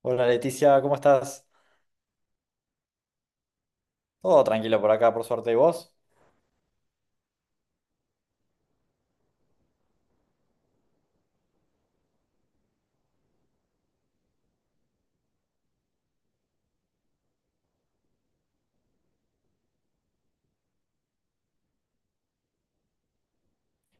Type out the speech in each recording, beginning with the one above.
Hola Leticia, ¿cómo estás? Todo tranquilo por acá, por suerte. ¿Y vos?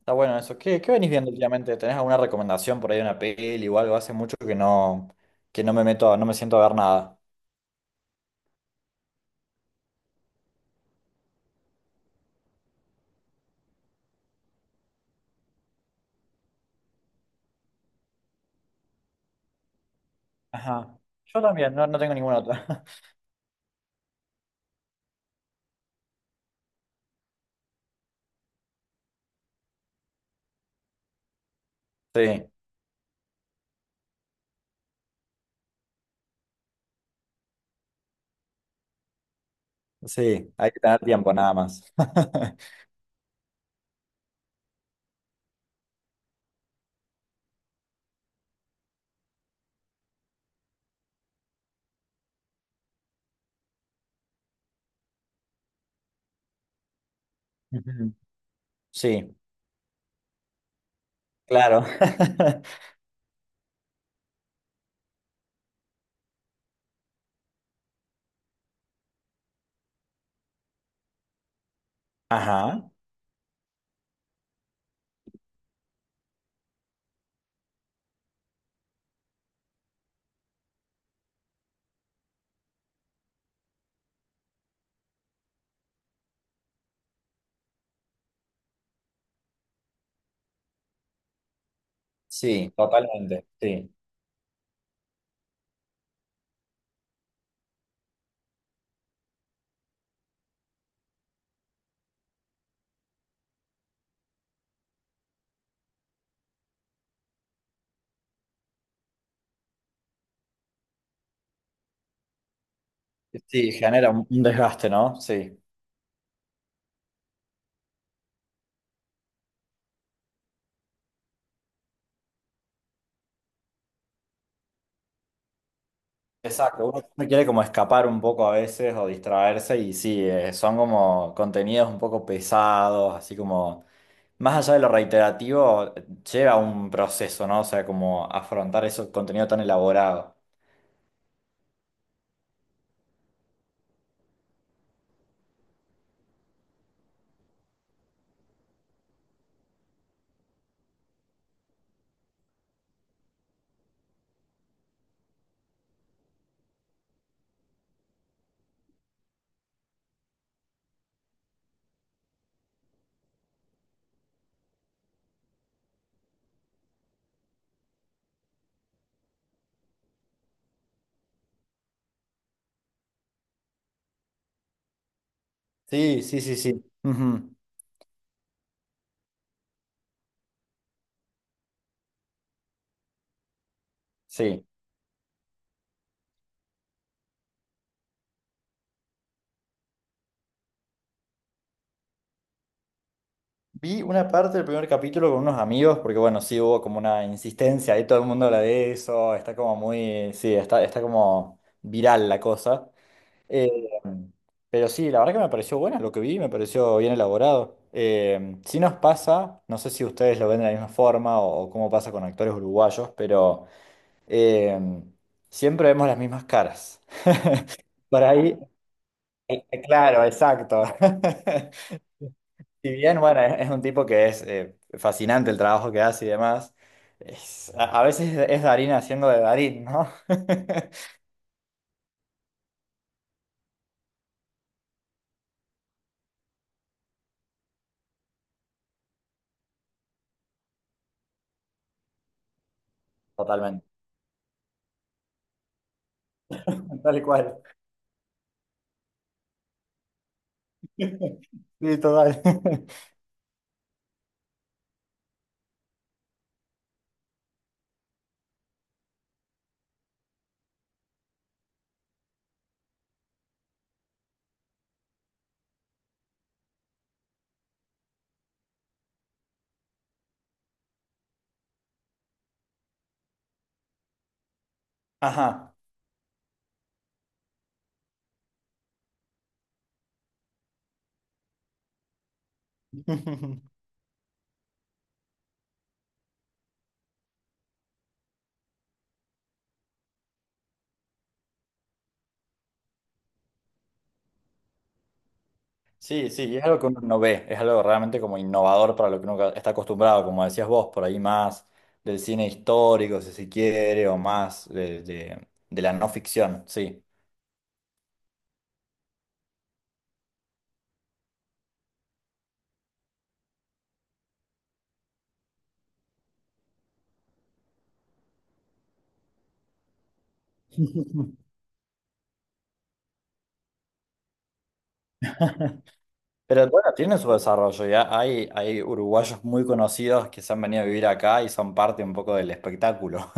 Está bueno eso. ¿Qué venís viendo últimamente? ¿Tenés alguna recomendación por ahí de una peli o algo? Hace mucho que no me meto, no me siento a ver nada. Ajá. Yo también, no, no tengo ninguna otra. Sí, sí, hay que tener tiempo nada más. Ujú. Sí, claro. Ajá. Sí, totalmente. Sí. Sí, genera un desgaste, ¿no? Sí. Exacto, uno quiere como escapar un poco a veces o distraerse y sí, son como contenidos un poco pesados, así como, más allá de lo reiterativo, lleva un proceso, ¿no? O sea, como afrontar ese contenido tan elaborado. Sí, sí, sí, sí. Ujú. Sí. Vi una parte del primer capítulo con unos amigos, porque bueno, sí hubo como una insistencia, ahí todo el mundo habla de eso, está como muy, sí, está, está como viral la cosa. Eh, pero sí, la verdad que me pareció buena lo que vi, me pareció bien elaborado. Sí nos pasa, no sé si ustedes lo ven de la misma forma o cómo pasa con actores uruguayos, pero eh, siempre vemos las mismas caras. Por ahí, claro, exacto. Si bien, bueno, es un tipo que es fascinante el trabajo que hace y demás, a veces es Darín haciendo de Darín, ¿no? Totalmente. Tal cual. Sí, total. Ajá. Sí, sí, y es algo que uno no ve, es algo realmente como innovador para lo que uno está acostumbrado, como decías vos, por ahí más del cine histórico, si se quiere, o más de la no ficción, sí. Pero bueno, tiene su desarrollo, ya hay uruguayos muy conocidos que se han venido a vivir acá y son parte un poco del espectáculo.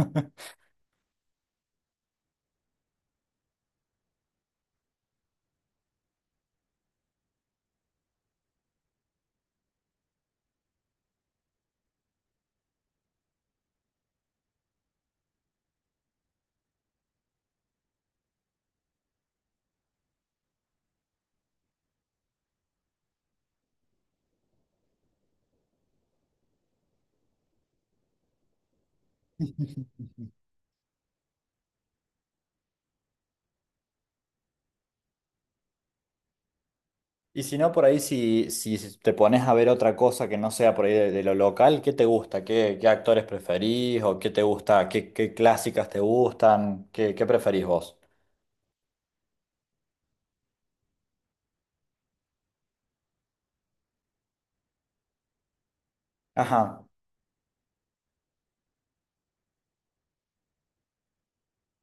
Y si no, por ahí, si, si te pones a ver otra cosa que no sea por ahí de lo local, ¿qué te gusta? ¿Qué actores preferís? ¿O qué te gusta? ¿Qué clásicas te gustan? ¿Qué preferís vos? Ajá.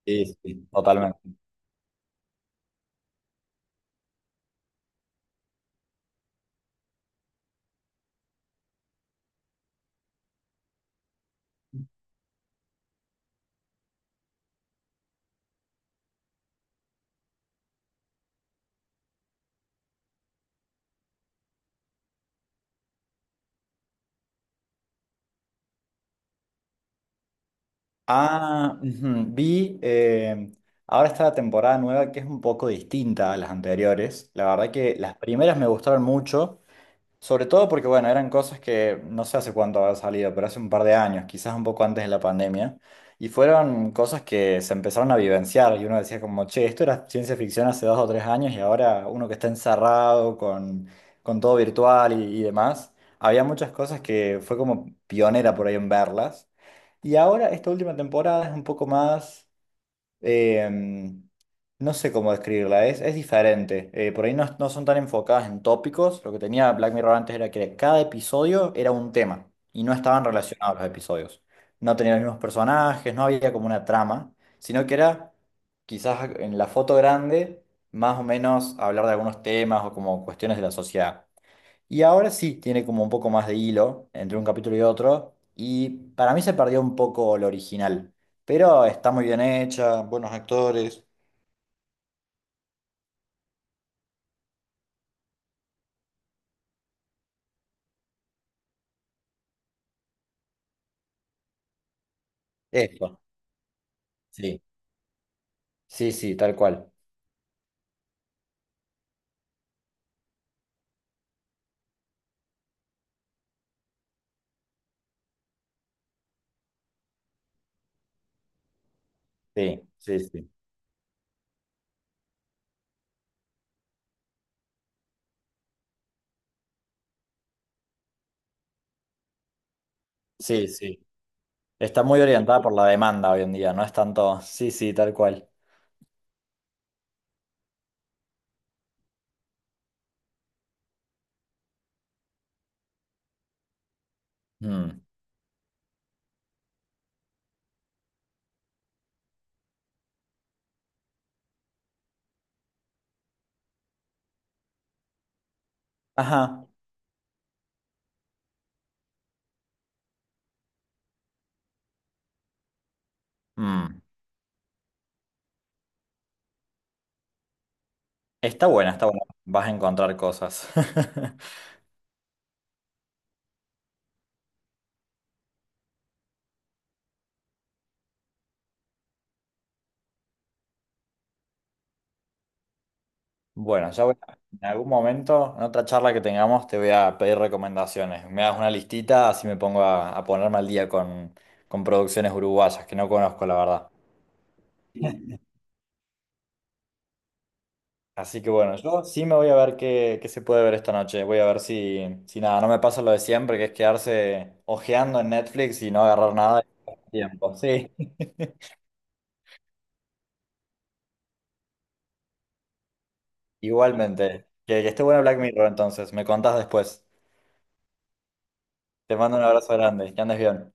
Sí, sí, totalmente. Ah, ujú. Vi, ahora está la temporada nueva que es un poco distinta a las anteriores. La verdad que las primeras me gustaron mucho. Sobre todo porque, bueno, eran cosas que no sé hace cuánto había salido, pero hace un par de años, quizás un poco antes de la pandemia, y fueron cosas que se empezaron a vivenciar y uno decía como, che, esto era ciencia ficción hace dos o tres años y ahora uno que está encerrado con todo virtual y demás, había muchas cosas que fue como pionera por ahí en verlas. Y ahora esta última temporada es un poco más eh, no sé cómo describirla, es diferente. Por ahí no, no son tan enfocadas en tópicos. Lo que tenía Black Mirror antes era que cada episodio era un tema y no estaban relacionados los episodios. No tenían los mismos personajes, no había como una trama, sino que era quizás en la foto grande más o menos hablar de algunos temas o como cuestiones de la sociedad. Y ahora sí tiene como un poco más de hilo entre un capítulo y otro. Y para mí se perdió un poco lo original. Pero está muy bien hecha, buenos actores. Eso, sí. Sí, sí, tal cual. Sí, sí, sí. Sí, sí. Está muy orientada por la demanda hoy en día, no es tanto. Sí, sí, tal cual. Mm. Ajá. Mm. Está buena, está buena. Vas a encontrar cosas. Bueno, ya voy a- en algún momento, en otra charla que tengamos, te voy a pedir recomendaciones. Me das una listita, así me pongo a ponerme al día con producciones uruguayas que no conozco, la verdad. Así que bueno, yo sí me voy a ver qué se puede ver esta noche. Voy a ver si, si nada, no me pasa lo de siempre, que es quedarse ojeando en Netflix y no agarrar nada de tiempo. Sí, igualmente. Que esté bueno Black Mirror, entonces. Me contás después. Te mando un abrazo grande. Que andes bien.